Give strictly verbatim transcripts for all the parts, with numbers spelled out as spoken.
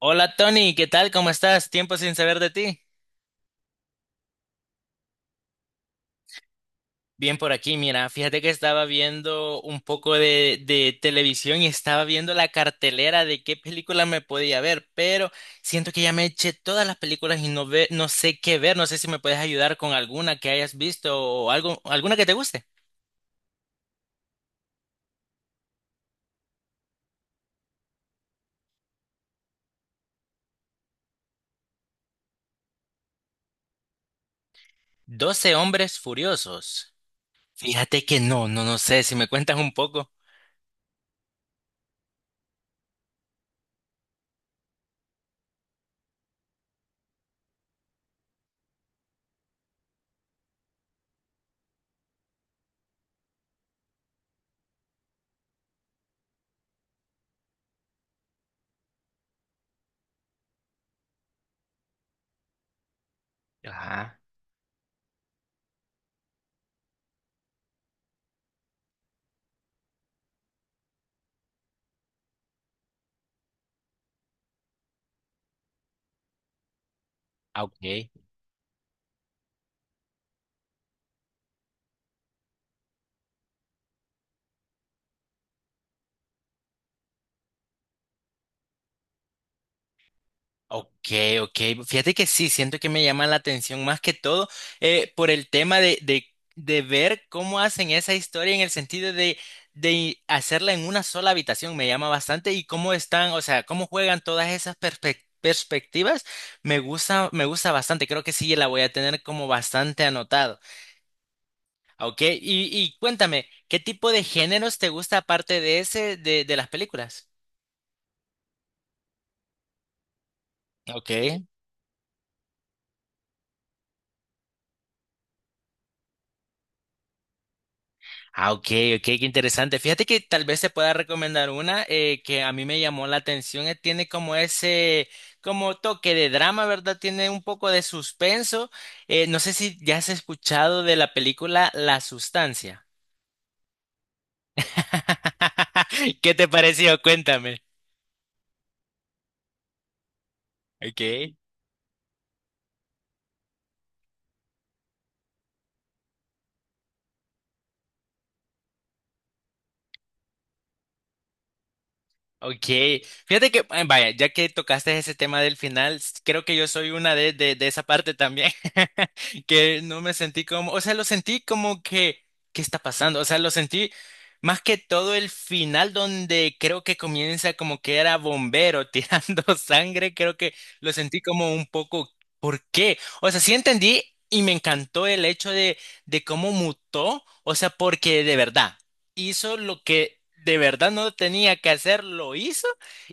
Hola Tony, ¿qué tal? ¿Cómo estás? Tiempo sin saber de ti. Bien por aquí, mira, fíjate que estaba viendo un poco de, de televisión y estaba viendo la cartelera de qué película me podía ver, pero siento que ya me eché todas las películas y no ve, no sé qué ver, no sé si me puedes ayudar con alguna que hayas visto o algo, alguna que te guste. Doce hombres furiosos. Fíjate que no, no, no sé si me cuentas un poco. Ajá. Ah, ok. Ok, ok. Fíjate que sí, siento que me llama la atención más que todo eh, por el tema de, de, de ver cómo hacen esa historia en el sentido de, de hacerla en una sola habitación. Me llama bastante y cómo están, o sea, cómo juegan todas esas perspec- perspectivas. Me gusta, me gusta bastante. Creo que sí, la voy a tener como bastante anotado. Ah, ok, y, y cuéntame, ¿qué tipo de géneros te gusta aparte de ese de, de las películas? Ok. Ah, ok, ok, qué interesante. Fíjate que tal vez se pueda recomendar una eh, que a mí me llamó la atención. eh, Tiene como ese, como toque de drama, ¿verdad? Tiene un poco de suspenso. Eh, no sé si ya has escuchado de la película La Sustancia. ¿Qué te pareció? Cuéntame. Ok. Ok, fíjate que, eh, vaya, ya que tocaste ese tema del final, s- creo que yo soy una de, de, de esa parte también, que no me sentí como, o sea, lo sentí como que, ¿qué está pasando? O sea, lo sentí más que todo el final donde creo que comienza como que era bombero tirando sangre, creo que lo sentí como un poco, ¿por qué? O sea, sí entendí y me encantó el hecho de, de cómo mutó, o sea, porque de verdad hizo lo que de verdad no tenía que hacer, lo hizo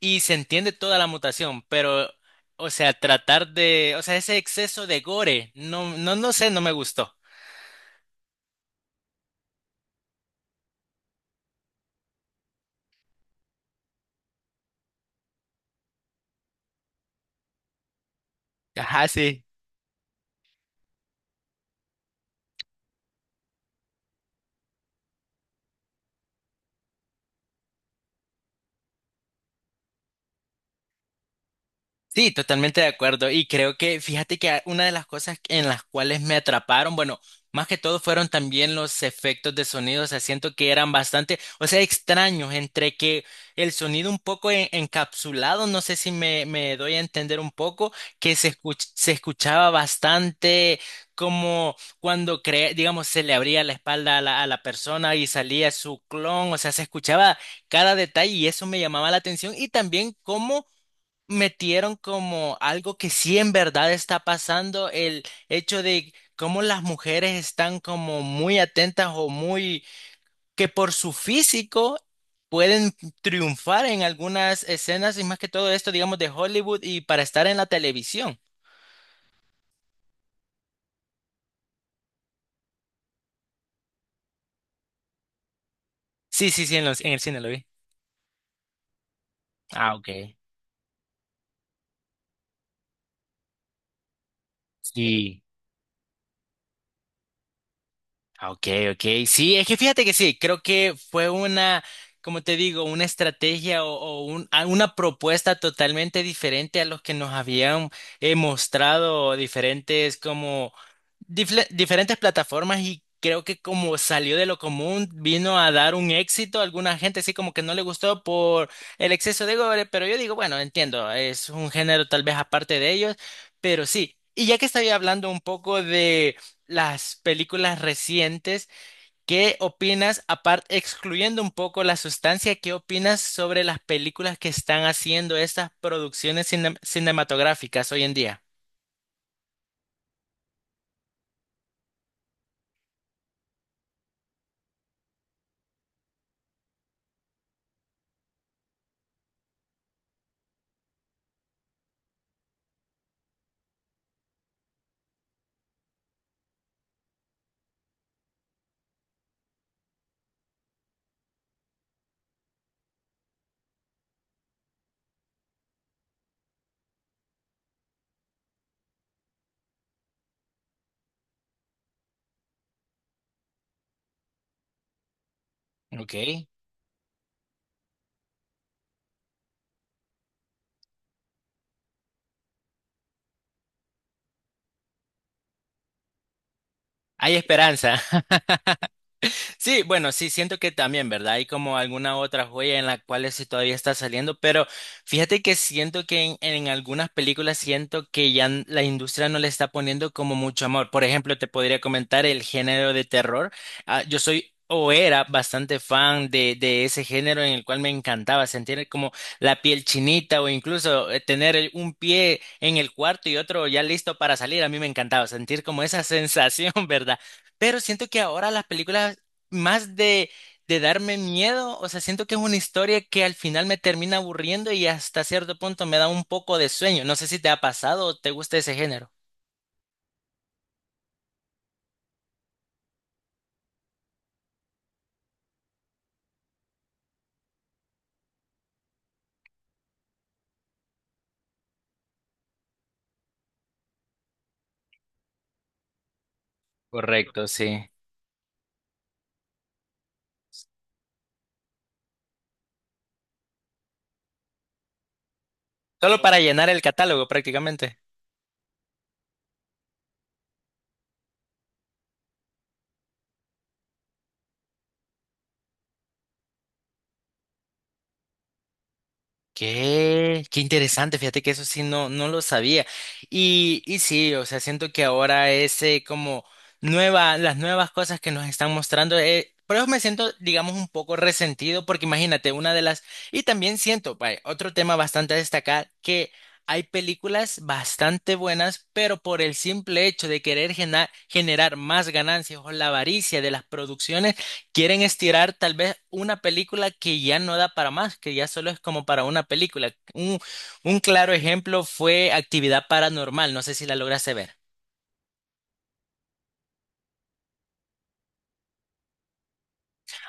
y se entiende toda la mutación, pero, o sea, tratar de, o sea, ese exceso de gore, no, no, no sé, no me gustó. Ajá, sí. Sí, totalmente de acuerdo. Y creo que, fíjate que a- una de las cosas en las cuales me atraparon, bueno, más que todo fueron también los efectos de sonido. O sea, siento que eran bastante, o sea, extraños entre que el sonido un poco en- encapsulado, no sé si me, me doy a entender un poco, que se escuch- se escuchaba bastante como cuando, cre- digamos, se le abría la espalda a la, a la persona y salía su clon. O sea, se escuchaba cada detalle y eso me llamaba la atención. Y también cómo metieron como algo que sí en verdad está pasando, el hecho de cómo las mujeres están como muy atentas o muy que por su físico pueden triunfar en algunas escenas y más que todo esto, digamos, de Hollywood y para estar en la televisión. Sí, sí, sí, en los, en el cine lo vi. Ah, ok. Sí. Ah, ok, ok. Sí, es que fíjate que sí, creo que fue una, como te digo, una estrategia o, o un- a- una propuesta totalmente diferente a los que nos habían eh, mostrado diferentes como difle- diferentes plataformas y creo que como salió de lo común, vino a dar un éxito. Alguna gente sí como que no le gustó por el exceso de gore, pero yo digo, bueno, entiendo, es un género tal vez aparte de ellos, pero sí. Y ya que estaba hablando un poco de las películas recientes. ¿Qué opinas, aparte, excluyendo un poco la sustancia, qué opinas sobre las películas que están haciendo estas producciones cine- cinematográficas hoy en día? Ok, hay esperanza. Sí, bueno, sí, siento que también, ¿verdad? Hay como alguna otra joya en la cual sí todavía está saliendo, pero fíjate que siento que en, en algunas películas siento que ya n- la industria no le está poniendo como mucho amor. Por ejemplo, te podría comentar el género de terror. Ah, yo soy o era bastante fan de, de ese género en el cual me encantaba sentir como la piel chinita o incluso eh, tener el- un pie en el cuarto y otro ya listo para salir. A mí me encantaba sentir como esa sensación, ¿verdad? Pero siento que ahora las películas más de, de darme miedo, o sea, siento que es una historia que al final me termina aburriendo y hasta cierto punto me da un poco de sueño. No sé si te ha pasado o te gusta ese género. Correcto, sí. Solo para llenar el catálogo prácticamente. Qué, qué interesante, fíjate que eso sí no, no lo sabía. Y, y sí, o sea, siento que ahora ese como nueva, las nuevas cosas que nos están mostrando, eh, por eso me siento, digamos, un poco resentido, porque imagínate, una de las, y también siento, vaya, otro tema bastante a destacar, que hay películas bastante buenas, pero por el simple hecho de querer gena- generar más ganancias o la avaricia de las producciones. Quieren estirar tal vez una película que ya no da para más, que ya solo es como para una película. Un, un claro ejemplo fue Actividad Paranormal, no sé si la lograste ver.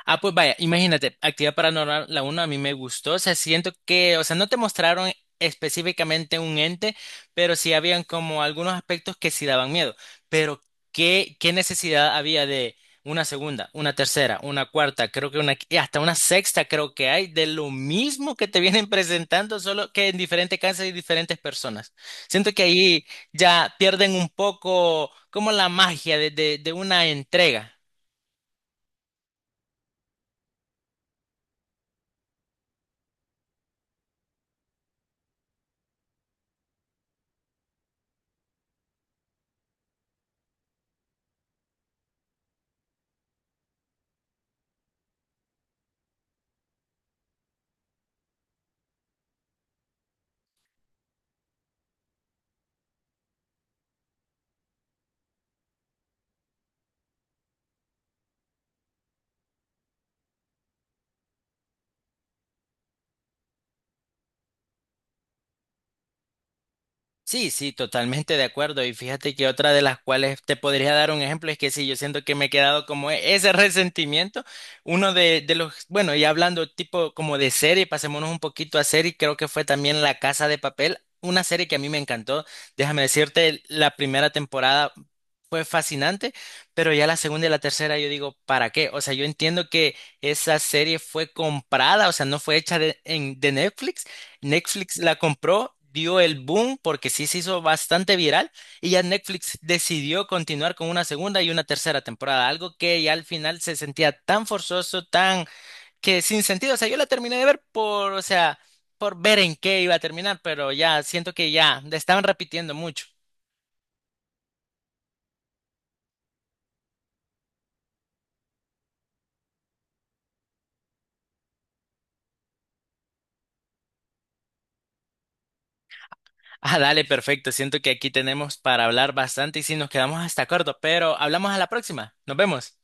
Ah, pues vaya, imagínate, Actividad Paranormal, la uno a mí me gustó, o sea, siento que, o sea, no te mostraron específicamente un ente, pero sí habían como algunos aspectos que sí daban miedo, pero ¿qué, qué necesidad había de una segunda, una tercera, una cuarta, creo que una, y hasta una sexta creo que hay, de lo mismo que te vienen presentando, solo que en diferentes casas y diferentes personas. Siento que ahí ya pierden un poco como la magia de, de de una entrega. Sí, sí, totalmente de acuerdo. Y fíjate que otra de las cuales te podría dar un ejemplo es que sí, yo siento que me he quedado como e- ese resentimiento. Uno de, de los, bueno, y hablando tipo como de serie, pasémonos un poquito a serie, creo que fue también La Casa de Papel, una serie que a mí me encantó. Déjame decirte, la primera temporada fue fascinante, pero ya la segunda y la tercera yo digo, ¿para qué? O sea, yo entiendo que esa serie fue comprada, o sea, no fue hecha de, en- de Netflix. Netflix la compró, dio el boom porque sí se hizo bastante viral y ya Netflix decidió continuar con una segunda y una tercera temporada, algo que ya al final se sentía tan forzoso, tan que sin sentido, o sea, yo la terminé de ver por, o sea, por ver en qué iba a terminar, pero ya siento que ya le estaban repitiendo mucho. Ah, dale, perfecto, siento que aquí tenemos para hablar bastante y si nos quedamos hasta corto, pero hablamos a la próxima, nos vemos.